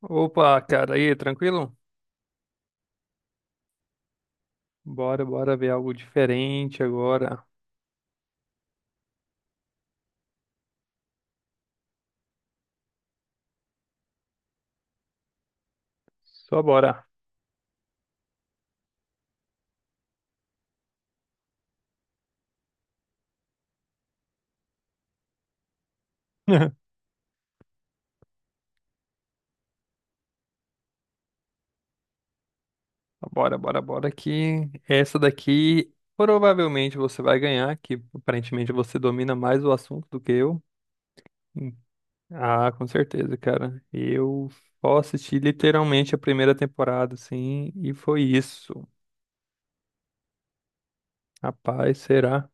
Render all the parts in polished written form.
Opa, cara, aí, tranquilo? Bora, bora ver algo diferente agora. Só bora. Bora, bora, bora que essa daqui provavelmente você vai ganhar, que aparentemente você domina mais o assunto do que eu. Hum. Ah, com certeza, cara. Eu só assisti literalmente a primeira temporada, sim, e foi isso. Rapaz, será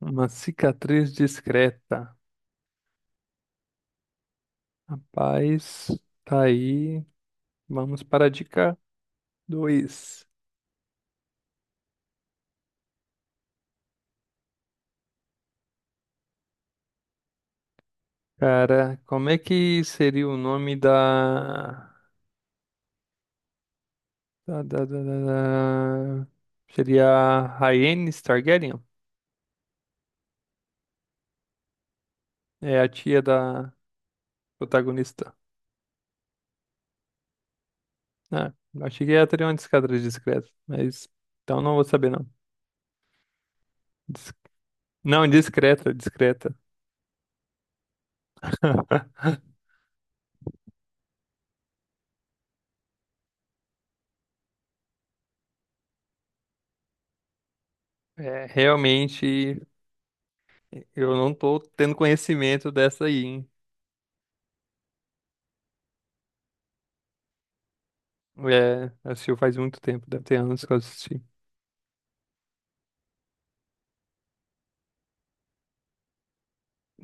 uma cicatriz discreta. Rapaz, tá aí. Vamos para a dica 2. Cara, como é que seria o nome da, da, da, da- da... Seria a Rhaenys Targaryen? É a tia da protagonista. Ah, achei que ela teria uma discadra discreta, mas... Então não vou saber, não. Dis- Não, discreta, discreta. É, realmente, eu não tô tendo conhecimento dessa aí, hein? É, assistiu faz muito tempo, deve ter anos que eu assisti.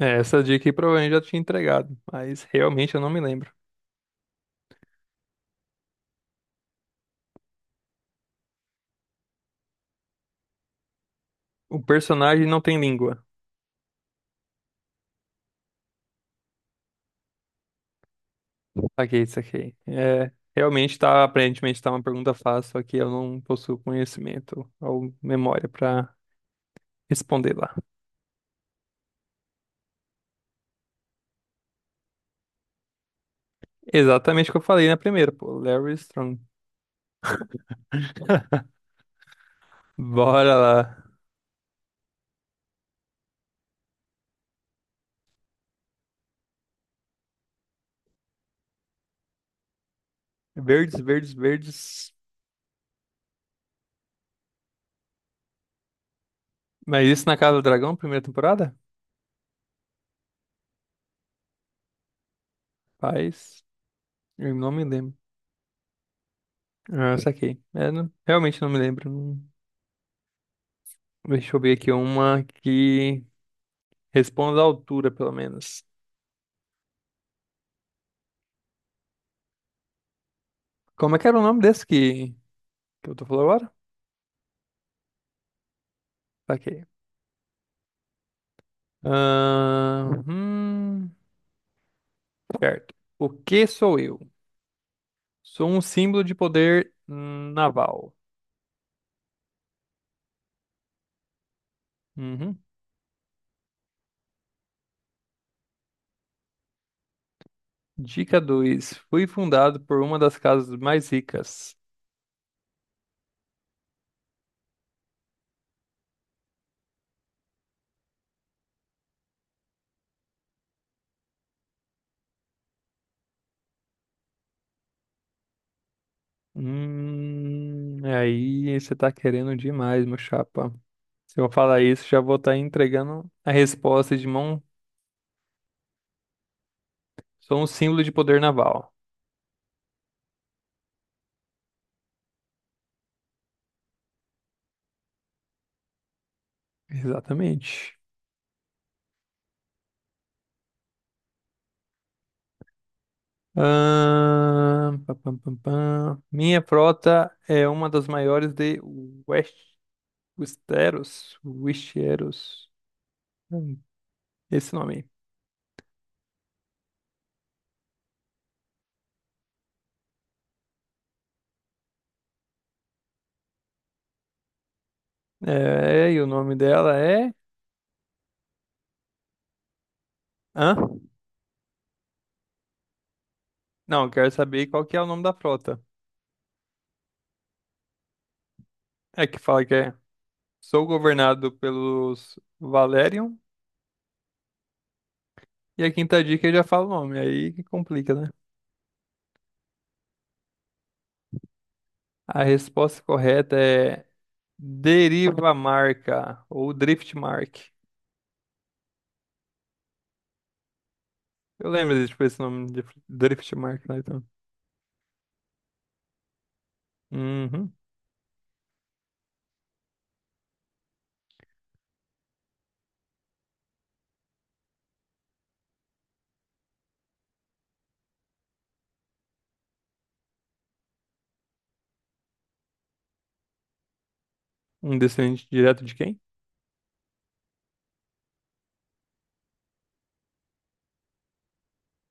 É, essa dica aí provavelmente já tinha entregado, mas realmente eu não me lembro. O personagem não tem língua. Saquei, saquei. É, realmente tá, aparentemente tá uma pergunta fácil, só que eu não possuo conhecimento ou memória pra responder lá. Exatamente o que eu falei na primeira, pô. Larry Strong. Bora lá. Verdes, verdes, verdes. Mas isso na Casa do Dragão, primeira temporada? Paz. Eu não me lembro. Ah, saquei. É, realmente não me lembro. Deixa eu ver aqui uma que responda à altura, pelo menos. Como é que era o nome desse que eu tô falando agora? Ok. Ahn, hum, Certo. O que sou eu? Sou um símbolo de poder naval. Uhum. Dica dois. Fui fundado por uma das casas mais ricas. Aí você tá querendo demais, meu chapa. Se eu falar isso, já vou estar entregando a resposta de mão. Sou um símbolo de poder naval. Exatamente. Pá, pam, pam, pam. Minha frota é uma das maiores de West, Westeros, Westeros. Hum, Esse nome. Aí. É, e o nome dela é? Hã? Não, eu quero saber qual que é o nome da frota. É que fala que é. Sou governado pelos Valerion. E a quinta dica eu já falo o nome, aí que complica, né? A resposta correta é Derivamarca ou Driftmark. Eu lembro de, tipo, esse nome de Drift Mark lá, então. Uhum. Um descendente direto de quem?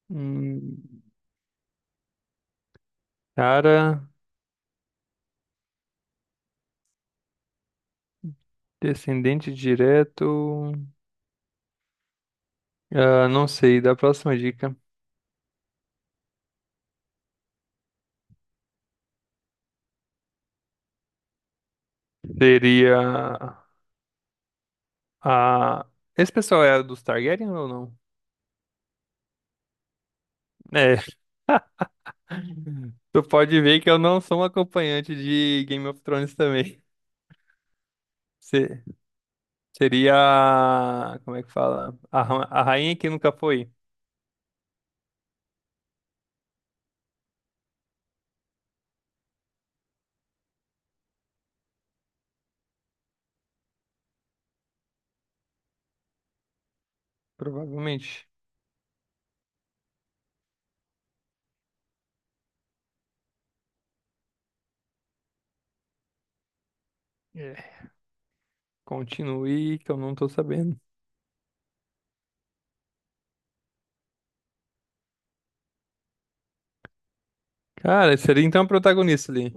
Hum, Cara, descendente direto. Ah, não sei, da próxima dica. Seria a. Esse pessoal é dos Targaryen ou não? É. Tu pode ver que eu não sou um acompanhante de Game of Thrones também. Se- Seria. Como é que fala? A a rainha que nunca foi, provavelmente. Continue, que eu não tô sabendo. Cara, seria então a protagonista ali.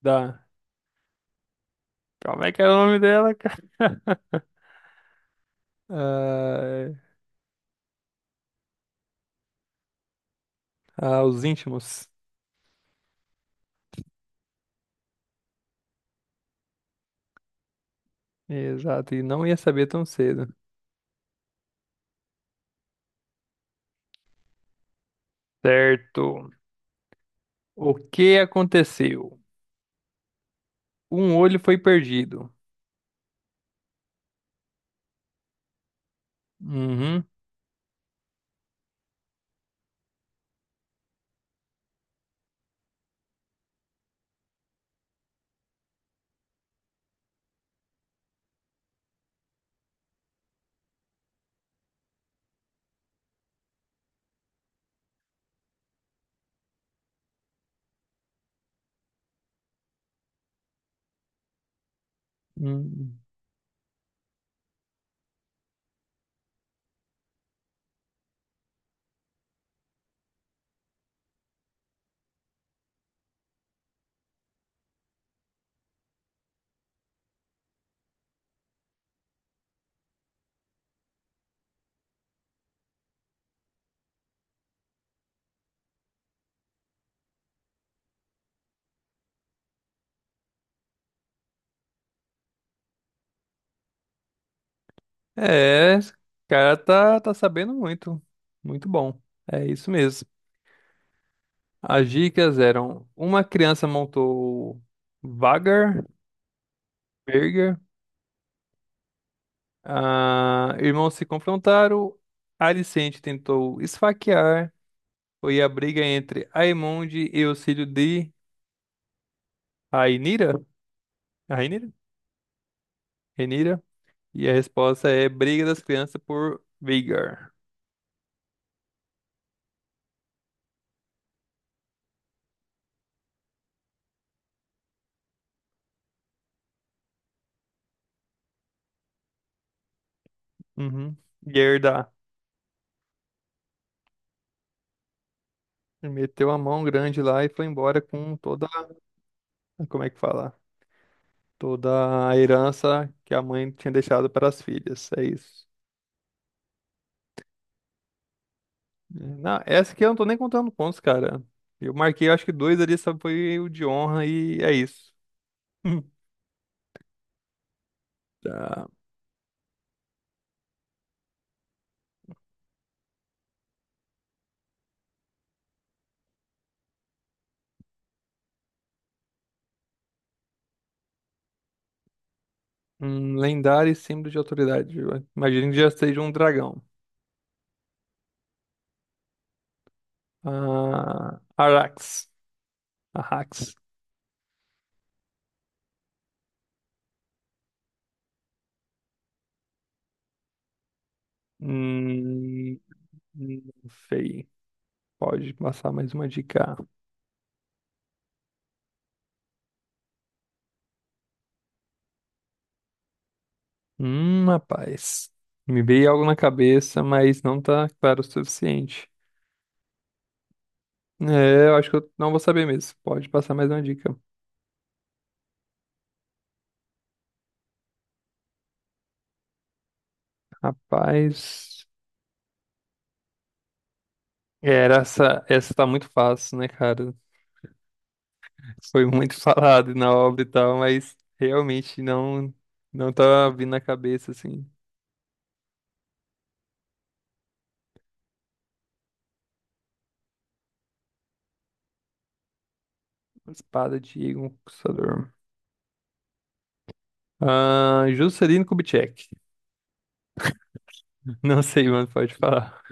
Da. Como é que era o nome dela, cara? Ah, ah, os íntimos. Exato, e não ia saber tão cedo. Certo. O que aconteceu? Um olho foi perdido. Uhum. Hum. É, esse cara tá sabendo muito. Muito bom. É isso mesmo. As dicas eram: uma criança montou Vagar, ah, irmãos se confrontaram. Alicente tentou esfaquear. Foi a briga entre Aemonde e o filho de Rainira. Rainira? Renira. E a resposta é briga das crianças por Vigar. Uhum. Gerda. Meteu a mão grande lá e foi embora com toda, como é que fala? Toda a herança que a mãe tinha deixado para as filhas. É isso. É, não, essa aqui eu não tô nem contando pontos, cara. Eu marquei, acho que dois ali, só foi o de honra e é isso. Tá. Um lendário e símbolo de autoridade. Eu imagino que já seja um dragão. Ah, Arax. Arax. Hum, não sei. Pode passar mais uma dica. Rapaz. Me veio algo na cabeça, mas não tá claro o suficiente. É, eu acho que eu não vou saber mesmo. Pode passar mais uma dica. Rapaz. É, era essa, tá muito fácil, né, cara? Foi muito falado na obra e tal, mas realmente não tá vindo na cabeça assim. Espada de Egon Conquistador. Ah, Juscelino Kubitschek. Não sei, mano, pode falar.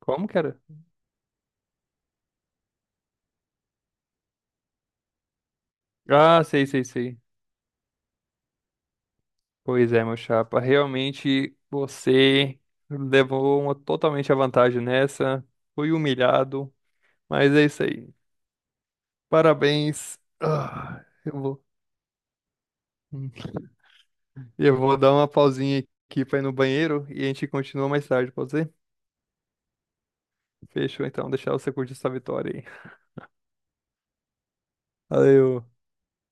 Como, cara? Ah, sei, sei, sei. Pois é, meu chapa. Realmente você levou uma, totalmente a vantagem nessa. Fui humilhado, mas é isso aí. Parabéns. Ah, eu vou. E eu vou dar uma pausinha aqui pra ir no banheiro e a gente continua mais tarde, pode ser? Fechou então, deixar você curtir essa vitória aí. Valeu.